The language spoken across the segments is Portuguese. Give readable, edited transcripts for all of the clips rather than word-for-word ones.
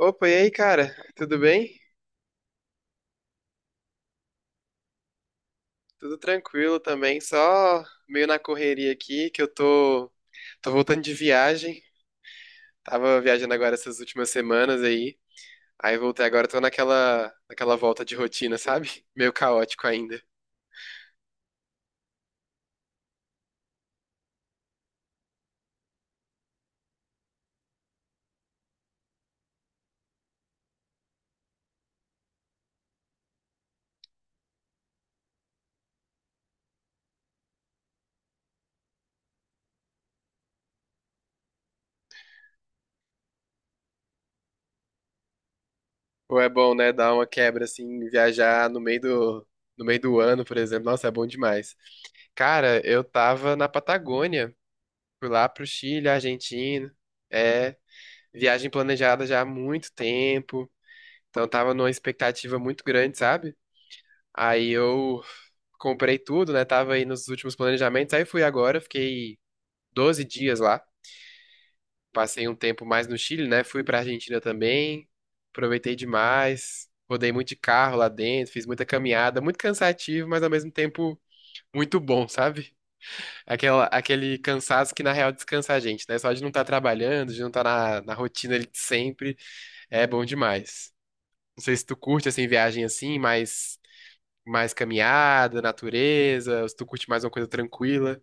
Opa, e aí, cara? Tudo bem? Tudo tranquilo também, só meio na correria aqui, tô voltando de viagem. Tava viajando agora essas últimas semanas aí. Aí voltei agora, tô naquela volta de rotina, sabe? Meio caótico ainda. Pô, é bom, né? Dar uma quebra, assim, viajar no meio do ano, por exemplo. Nossa, é bom demais. Cara, eu tava na Patagônia. Fui lá pro Chile, Argentina. É, viagem planejada já há muito tempo, então tava numa expectativa muito grande, sabe? Aí eu comprei tudo, né? Tava aí nos últimos planejamentos, aí fui agora, fiquei 12 dias lá, passei um tempo mais no Chile, né? Fui pra Argentina também, aproveitei demais, rodei muito de carro lá dentro, fiz muita caminhada, muito cansativo, mas ao mesmo tempo muito bom, sabe? Aquele cansaço que na real descansa a gente, né? Só de não estar trabalhando, de não estar na rotina ali de sempre, é bom demais. Não sei se tu curte assim viagem assim, mais caminhada, natureza, ou se tu curte mais uma coisa tranquila.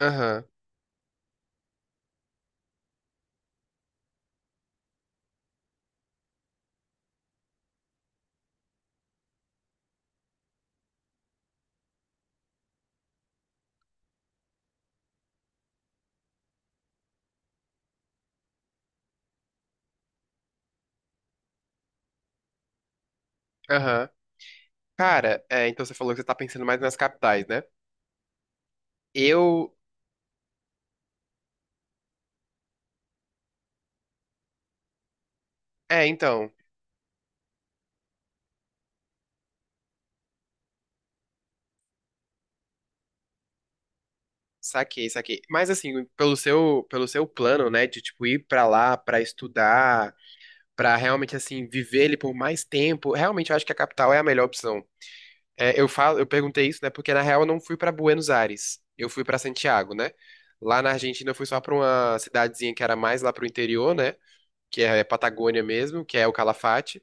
Aham. Aham. Cara, é, então você falou que você tá pensando mais nas capitais, né? Eu, é, então, saquei. Mas assim, pelo seu plano, né, de tipo ir pra lá pra estudar, pra realmente assim viver ele por mais tempo, realmente eu acho que a capital é a melhor opção. É, eu falo, eu perguntei isso, né? Porque na real eu não fui pra Buenos Aires, eu fui pra Santiago, né? Lá na Argentina eu fui só pra uma cidadezinha que era mais lá pro interior, né? Que é é Patagônia mesmo, que é o Calafate.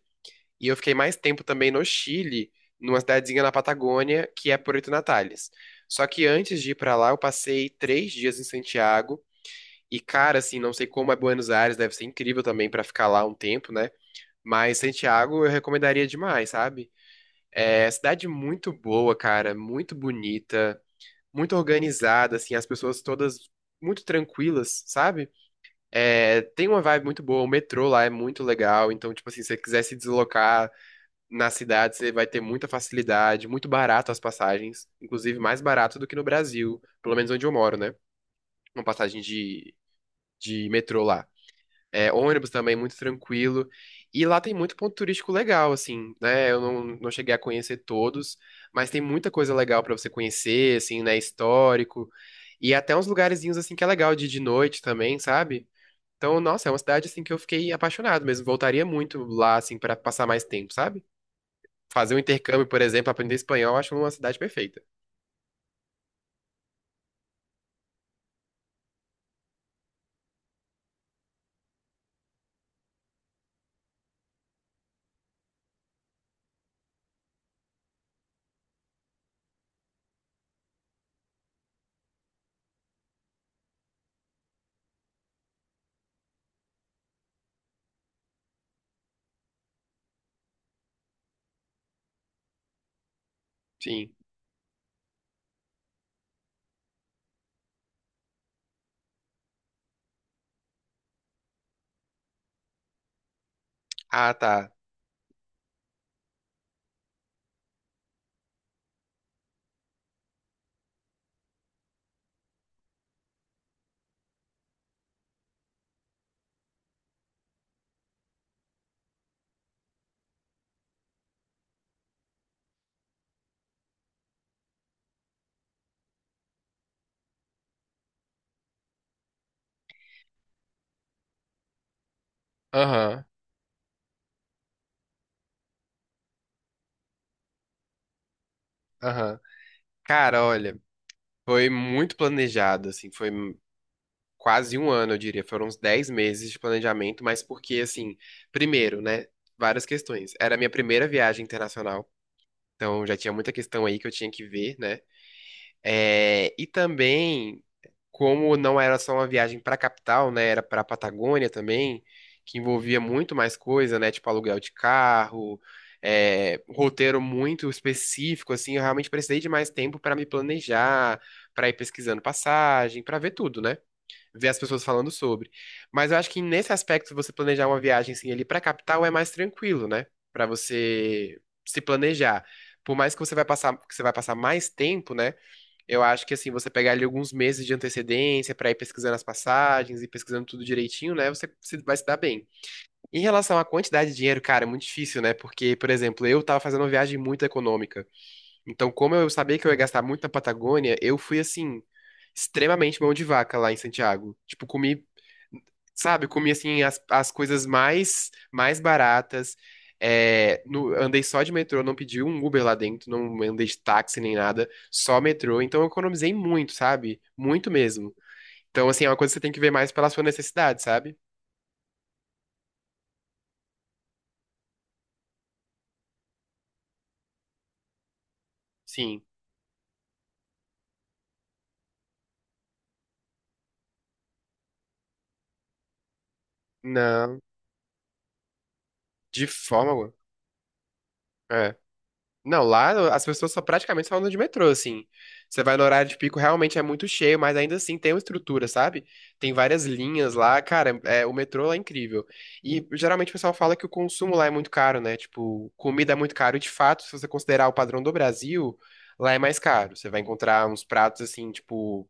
E eu fiquei mais tempo também no Chile, numa cidadezinha na Patagônia, que é Puerto Natales. Só que antes de ir pra lá, eu passei 3 dias em Santiago. E cara, assim, não sei como é Buenos Aires, deve ser incrível também pra ficar lá um tempo, né? Mas Santiago eu recomendaria demais, sabe? É, cidade muito boa, cara, muito bonita, muito organizada, assim, as pessoas todas muito tranquilas, sabe? É, tem uma vibe muito boa, o metrô lá é muito legal, então, tipo assim, se você quiser se deslocar na cidade, você vai ter muita facilidade, muito barato as passagens, inclusive mais barato do que no Brasil, pelo menos onde eu moro, né? Uma de metrô lá. É, ônibus também, muito tranquilo. E lá tem muito ponto turístico legal, assim, né? Eu não, não cheguei a conhecer todos, mas tem muita coisa legal pra você conhecer, assim, né? Histórico. E até uns lugarzinhos, assim, que é legal de ir de noite também, sabe? Então, nossa, é uma cidade, assim, que eu fiquei apaixonado mesmo. Voltaria muito lá, assim, pra passar mais tempo, sabe? Fazer um intercâmbio, por exemplo, aprender espanhol, eu acho uma cidade perfeita. Sim. Ah, tá. Aham, aham. Cara, olha, foi muito planejado, assim, foi. Quase um ano, eu diria. Foram uns 10 meses de planejamento, mas porque, assim, primeiro, né? Várias questões. Era a minha primeira viagem internacional, então já tinha muita questão aí que eu tinha que ver, né? É, e também, como não era só uma viagem para a capital, né? Era para a Patagônia também, que envolvia muito mais coisa, né? Tipo aluguel de carro. É, um roteiro muito específico, assim, eu realmente precisei de mais tempo para me planejar, para ir pesquisando passagem, para ver tudo, né? Ver as pessoas falando sobre. Mas eu acho que nesse aspecto, você planejar uma viagem assim ali pra capital é mais tranquilo, né? Pra você se planejar. Por mais que que você vai passar mais tempo, né? Eu acho que assim, você pegar ali alguns meses de antecedência pra ir pesquisando as passagens e pesquisando tudo direitinho, né? Você se- vai se dar bem. Em relação à quantidade de dinheiro, cara, é muito difícil, né? Porque, por exemplo, eu tava fazendo uma viagem muito econômica. Então, como eu sabia que eu ia gastar muito na Patagônia, eu fui assim, extremamente mão de vaca lá em Santiago. Tipo, comi assim as coisas mais baratas. É, andei só de metrô, não pedi um Uber lá dentro, não andei de táxi nem nada, só metrô. Então eu economizei muito, sabe? Muito mesmo. Então, assim, é uma coisa que você tem que ver mais pela sua necessidade, sabe? Sim. Não, de forma alguma. É. Não, lá as pessoas só praticamente só andam de metrô, assim. Você vai no horário de pico, realmente é muito cheio, mas ainda assim tem uma estrutura, sabe? Tem várias linhas lá, cara, é, o metrô lá é incrível. E geralmente o pessoal fala que o consumo lá é muito caro, né? Tipo, comida é muito caro, e de fato, se você considerar o padrão do Brasil, lá é mais caro. Você vai encontrar uns pratos, assim, tipo,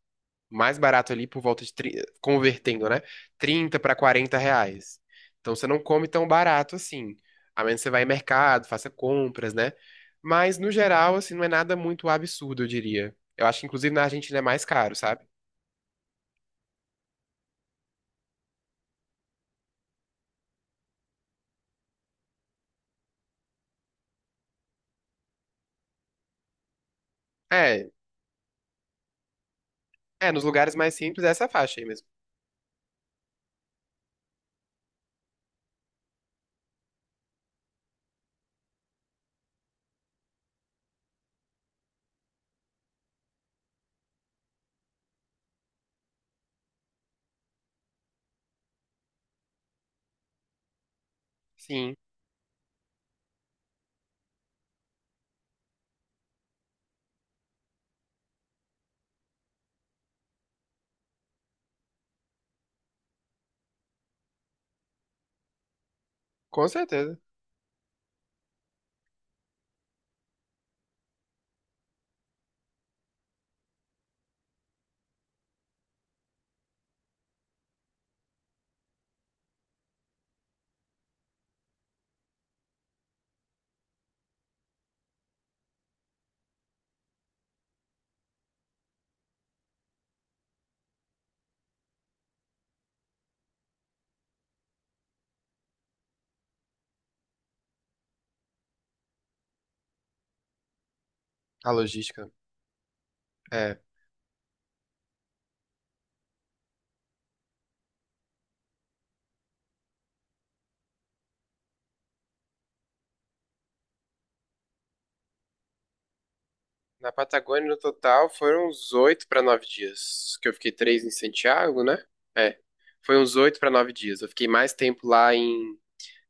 mais barato ali por volta de, convertendo, né? 30 a 40 reais. Então você não come tão barato assim. A menos que você vá em mercado, faça compras, né? Mas no geral, assim, não é nada muito absurdo, eu diria. Eu acho que inclusive na Argentina é mais caro, sabe? É, é, nos lugares mais simples é essa faixa aí mesmo. Sim, com certeza. A logística. É. Na Patagônia, no total, foram uns 8 a 9 dias. Que eu fiquei 3 em Santiago, né? É. Foi uns 8 a 9 dias. Eu fiquei mais tempo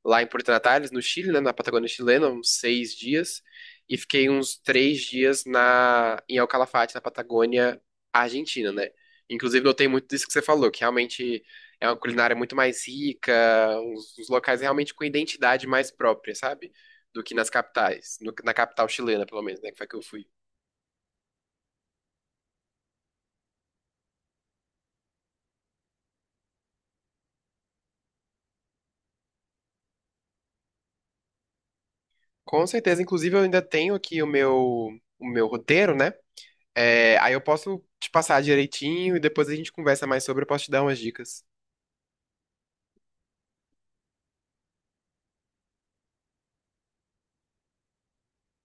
lá em Porto Natales, no Chile, né, na Patagônia chilena, uns 6 dias, e fiquei uns 3 dias na em El Calafate, na Patagônia Argentina, né? Inclusive, notei muito disso que você falou, que realmente é uma culinária muito mais rica, uns locais realmente com identidade mais própria, sabe? Do que nas capitais, na capital chilena, pelo menos, né, que foi que eu fui. Com certeza, inclusive, eu ainda tenho aqui o meu roteiro, né? É, aí eu posso te passar direitinho e depois a gente conversa mais sobre, eu posso te dar umas dicas.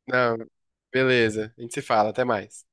Não, beleza, a gente se fala, até mais.